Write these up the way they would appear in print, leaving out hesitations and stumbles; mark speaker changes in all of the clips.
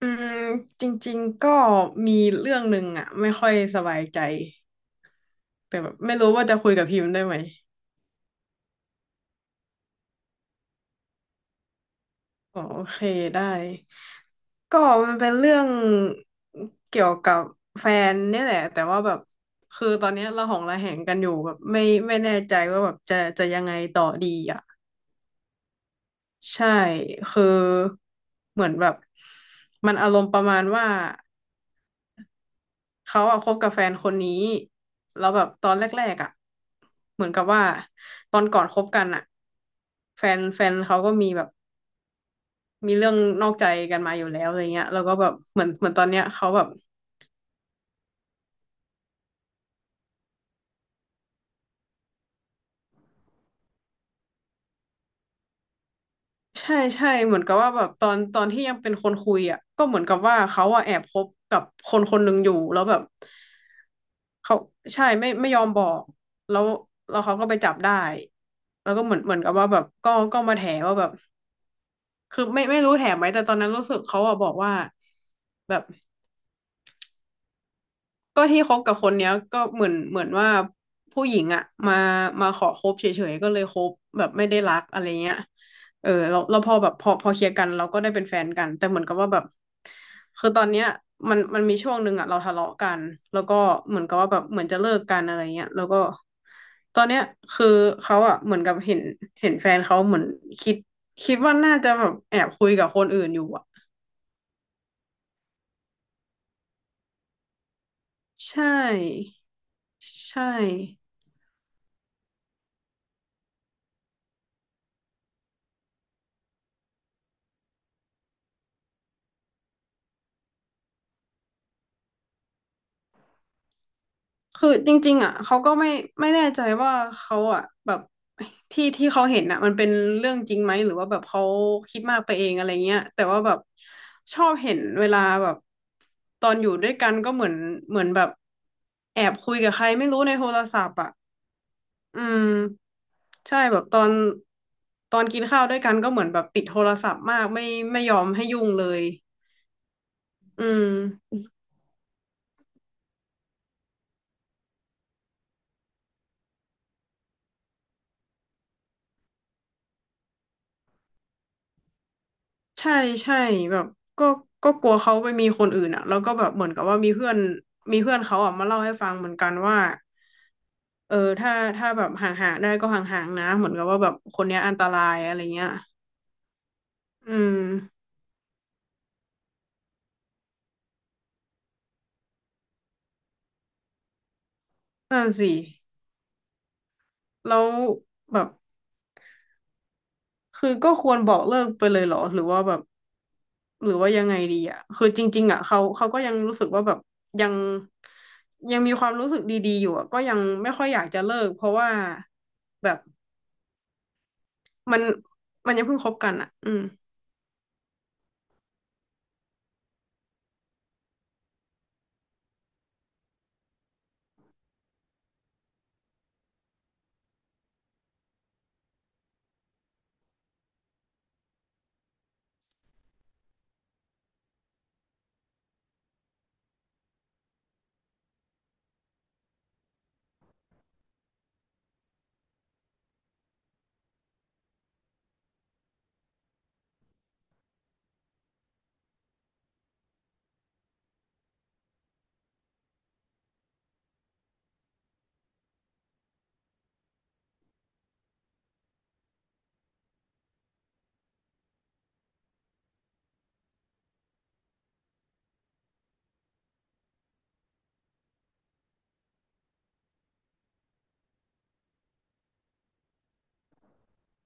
Speaker 1: อืมจริงๆก็มีเรื่องหนึ่งอ่ะไม่ค่อยสบายใจแต่แบบไม่รู้ว่าจะคุยกับพิมพ์ได้ไหมอ๋อโอเคได้ก็มันเป็นเรื่องเกี่ยวกับแฟนเนี่ยแหละแต่ว่าแบบคือตอนเนี้ยเราหองระแหงกันอยู่แบบไม่แน่ใจว่าแบบจะยังไงต่อดีอ่ะใช่คือเหมือนแบบมันอารมณ์ประมาณว่า เขาอะคบกับแฟนคนนี้แล้วแบบตอนแรกๆอะเหมือนกับว่าตอนก่อนคบกันอะแฟนเขาก็มีแบบมีเรื่องนอกใจกันมาอยู่แล้วอะไรเงี้ยแล้วก็แบบเหมือนตอนเนี้ยเขาแบบใช่ใช่เหมือนกับว่าแบบตอนที่ยังเป็นคนคุยอะก็เหมือนกับว่าเขาอะแอบคบกับคนคนหนึ่งอยู่แล้วแบบเขาใช่ไม่ยอมบอกแล้วแล้วเขาก็ไปจับได้แล้วก็เหมือนกับว่าแบบก็มาแถว่าแบบ คือไม่รู้แถมไหมแต่ตอนนั้นรู้สึกเขาอะบอกว่าแบบก็ที่คบกับคนเนี้ยก็เหมือนว่าผู้หญิงอะมาขอคบเฉยๆก็เลยคบแบบไม่ได้รักอะไรเงี้ยเออเราพอแบบพอเคลียร์กันเราก็ได้เป็นแฟนกันแต่เหมือนกับว่าแบบคือตอนเนี้ยมันมีช่วงหนึ่งอะเราทะเลาะกันแล้วก็เหมือนกับว่าแบบเหมือนจะเลิกกันอะไรเงี้ยแล้วก็ตอนเนี้ยคือเขาอะเหมือนกับเห็นแฟนเขาเหมือนคิดคิดว่าน่าจะแบบแอบคุยกับคนอื่นอยู่อะ ใช่ใช่คือจริงๆอ่ะเขาก็ไม่แน่ใจว่าเขาอ่ะแบบที่ที่เขาเห็นอ่ะมันเป็นเรื่องจริงไหมหรือว่าแบบเขาคิดมากไปเองอะไรเงี้ยแต่ว่าแบบชอบเห็นเวลาแบบตอนอยู่ด้วยกันก็เหมือนแบบแอบคุยกับใครไม่รู้ในโทรศัพท์อ่ะอืมใช่แบบตอนกินข้าวด้วยกันก็เหมือนแบบติดโทรศัพท์มากไม่ยอมให้ยุ่งเลยอืม ใช่ใช่แบบก็ก็กลัวเขาไปมีคนอื่นอ่ะแล้วก็แบบเหมือนกับว่ามีเพื่อนเขาอ่ะมาเล่าให้ฟังเหมือนกันว่าเออถ้าแบบห่างๆได้ก็ห่างๆนะเหมือนกับว่าแบบคนเนี้ยอันตรายอะไรเงี้ยอืมนั่นสิแล้วแบบคือก็ควรบอกเลิกไปเลยเหรอหรือว่าแบบหรือว่ายังไงดีอ่ะคือจริงๆอ่ะเขาก็ยังรู้สึกว่าแบบยังยังมีความรู้สึกดีๆอยู่อ่ะก็ยังไม่ค่อยอยากจะเลิกเพราะว่าแบบ มันมันยังเพิ่งคบกันอ่ะอืม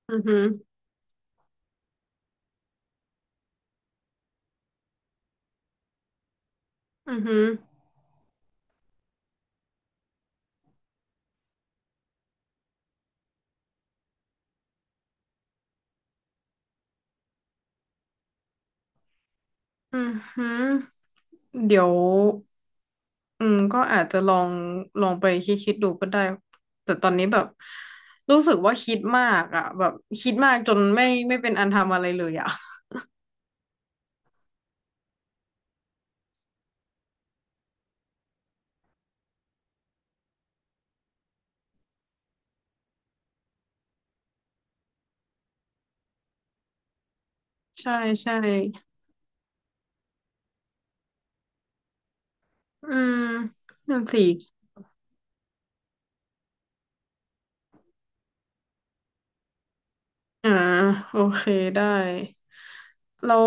Speaker 1: อือหืออือหืออือหือเดี๋ยวอืมก็อาจจะลองไปคิดดูก็ได้ แต่ตอนนี้แบบรู้สึกว่าคิดมากอ่ะแบบคิดมากจนไม่เป็นอันทำอะไรเลยอ่ะใช่ใช่อืมนั่นสิ อ่าโอเคได้แล้ว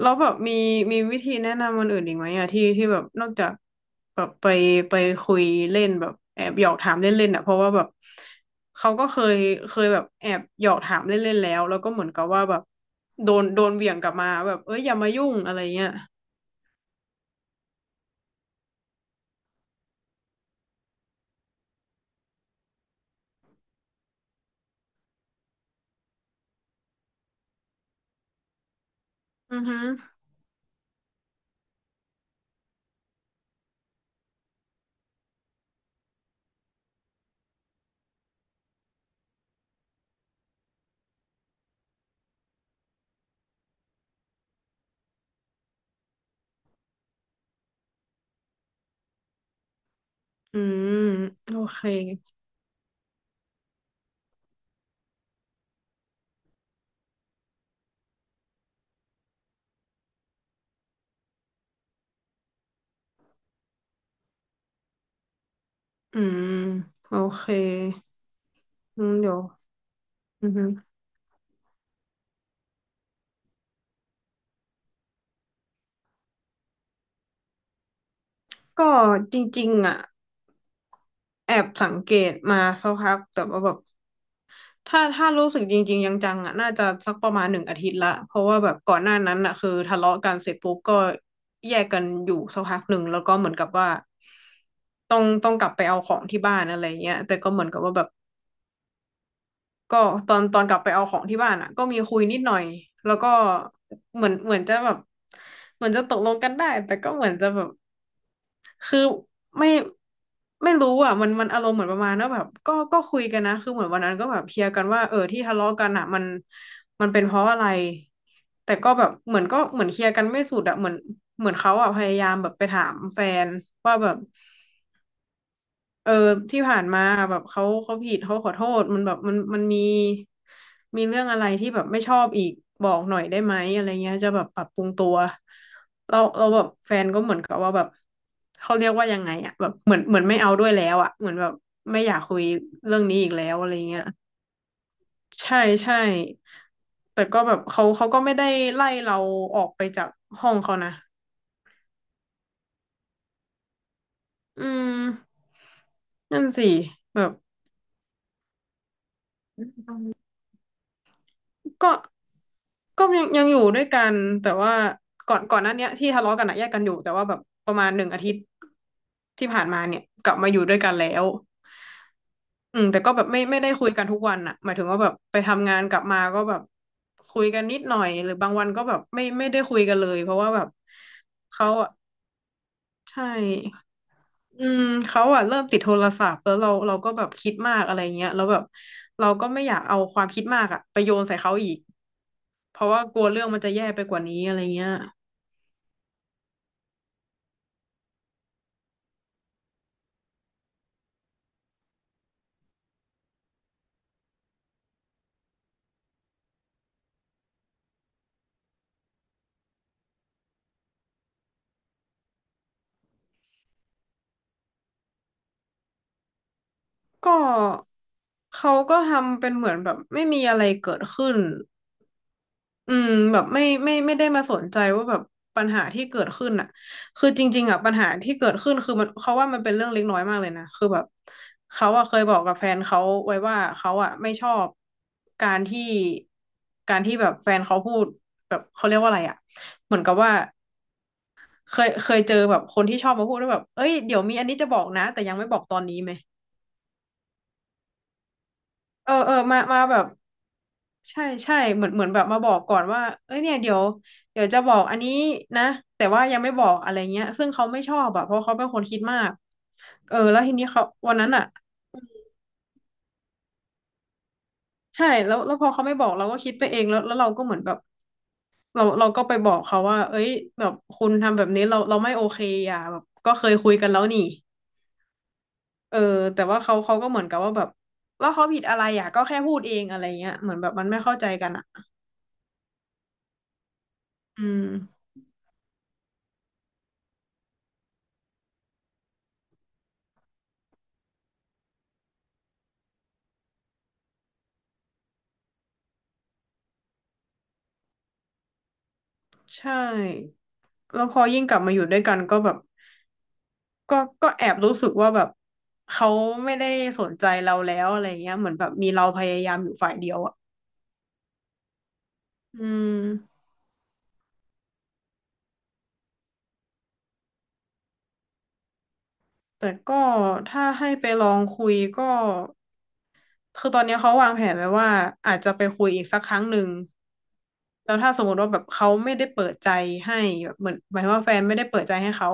Speaker 1: แล้วแบบมีวิธีแนะนำคนอื่นอีกไหมอะที่ที่แบบนอกจากแบบไปคุยเล่นแบบแอบหยอกถามเล่นๆอะเพราะว่าแบบเขาก็เคยแบบแอบหยอกถามเล่นๆแล้วก็เหมือนกับว่าแบบโดนเหวี่ยงกลับมาแบบเอ้ยอย่ามายุ่งอะไรเงี้ยอือฮึอืมโอเคอืมโอเคงั้นเดี๋ยวอือฮึก็จริงๆอ่ะ แอบสังเกตมาสักพักแต่ว่าแบบถ้ารู้สึกจริงๆยังจังๆอ่ะน่าจะสักประมาณหนึ่งอาทิตย์ละเพราะว่าแบบก่อนหน้านั้นอ่ะคือทะเลาะกันเสร็จปุ๊บก็แยกกันอยู่สักพักหนึ่งแล้วก็เหมือนกับว่าต้องกลับไปเอาของที่บ้านอะไรเงี้ยแต่ก็เหมือนกับว่าแบบก็ตอนกลับไปเอาของที่บ้านอ่ะก็มีคุยนิดหน่อยแล้วก็เหมือนจะแบบเหมือนจะตกลงกันได้แต่ก็เหมือนจะแบบ คือไม่ไม่รู้อ่ะมันอารมณ์เหมือนประมาณว่าแบบก็คุยกันนะคือเหมือนวันนั้นก็แบบเคลียร์กันว่าเออที่ทะเลาะกันอ่ะมันเป็นเพราะอะไรแต่ก็แบบเหมือนก็เหมือนเคลียร์กันไม่สุดอ่ะเหมือนเขาอ่ะพยายามแบบไปถามแฟนว่าแบบ เออที่ผ่านมาแบบเขาผิดเขาขอโทษมันแบบมันมีเรื่องอะไรที่แบบไม่ชอบอีกบอกหน่อยได้ไหมอะไรเงี้ยจะแบบปรับปรุงตัวเราแบบแฟนก็เหมือนกับว่าแบบเขาเรียกว่ายังไงอะแบบเหมือนไม่เอาด้วยแล้วอะเหมือนแบบไม่อยากคุยเรื่องนี้อีกแล้วอะไรเงี้ยใช่ใช่แต่ก็แบบเขาก็ไม่ได้ไล่เราออกไปจากห้องเขานะอืมนั่นสิแบบ ก็ยังอยู่ด้วยกันแต่ว่าก่อนหน้าเนี้ยที่ทะเลาะกันอะแยกกันอยู่แต่ว่าแบบประมาณหนึ่งอาทิตย์ที่ผ่านมาเนี่ยกลับมาอยู่ด้วยกันแล้วอืมแต่ก็แบบไม่ได้คุยกันทุกวันอะหมายถึงว่าแบบไปทำงานกลับมาก็แบบคุยกันนิดหน่อยหรือบางวันก็แบบไม่ได้คุยกันเลยเพราะว่าแบบเขาอะใช่อืมเขาอะเริ่มติดโทรศัพท์แล้วเราก็แบบคิดมากอะไรเงี้ยแล้วแบบเราก็ไม่อยากเอาความคิดมากอะไปโยนใส่เขาอีก เพราะว่ากลัวเรื่องมันจะแย่ไปกว่านี้อะไรเงี้ยก็เขาก็ทำเป็นเหมือนแบบไม่มีอะไรเกิดขึ้นอืมแบบไม่ได้มาสนใจว่าแบบปัญหาที่เกิดขึ้นอ่ะคือจริงๆอ่ะปัญหาที่เกิดขึ้นคือมันเขาว่ามันเป็นเรื่องเล็กน้อยมากเลยนะคือแบบเขาอ่ะเคยบอกกับแฟนเขาไว้ว่าเขาอ่ะไม่ชอบการที่แบบแฟนเขาพูดแบบเขาเรียกว่าอะไรอ่ะเหมือนกับว่าเคยเจอแบบคนที่ชอบมาพูดว่าแบบเอ้ยเดี๋ยวมีอันนี้จะบอกนะแต่ยังไม่บอกตอนนี้ไหม เออมาแบบใช่ใช่เหมือนแบบมาบอกก่อนว่าเอ้ยเนี่ยเดี๋ยวจะบอกอันนี้นะแต่ว่ายังไม่บอกอะไรเงี้ยซึ่งเขาไม่ชอบอะเพราะเขาเป็นคนคิดมากเออแล้วทีนี้เขาวันนั้นอะใช่แล้วพอเขาไม่บอกเราก็คิดไปเองแล้วเราก็เหมือนแบบเราก็ไปบอกเขาว่าเอ้ยแบบคุณทำแบบนี้เราไม่โอเคอ่ะแบบก็เคยคุยกันแล้วนี่เออแต่ว่าเขาก็เหมือนกับว่าแบบว่าเขาผิดอะไรอ่ะก็แค่พูดเองอะไรเงี้ยเหมือนแบบมันไม่เข้าใจกันอ่ะอืมใช่ แล้วพอยิ่งกลับมาอยู่ด้วยกันก็แบบก็ก็แอบรู้สึกว่าแบบเขาไม่ได้สนใจเราแล้วอะไรเงี้ยเหมือนแบบมีเราพยายามอยู่ฝ่ายเดียวอ่ะอืมแต่ก็ถ้าให้ไปลองคุยก็คือตอนนี้เขาวางแผนไว้ว่าอาจจะไปคุยอีกสักครั้งหนึ่งแล้วถ้าสมมติว่าแบบเขาไม่ได้เปิดใจให้แบบเหมือนหมายถึงว่าแฟนไม่ได้เปิดใจให้เขา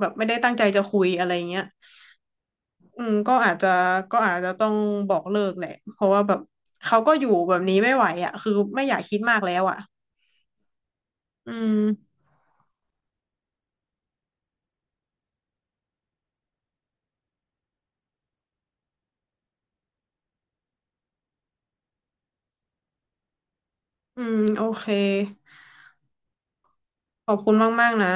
Speaker 1: แบบไม่ได้ตั้งใจจะคุยอะไรเงี้ย อืมก็อาจจะต้องบอกเลิกแหละเพราะว่าแบบเขาก็อยู่แบบนี้ไม่ไหวอ่ะคือไม่อยากคิดมากแล้วอ่ะอืมอืมโอเคขอบคุณมากๆนะ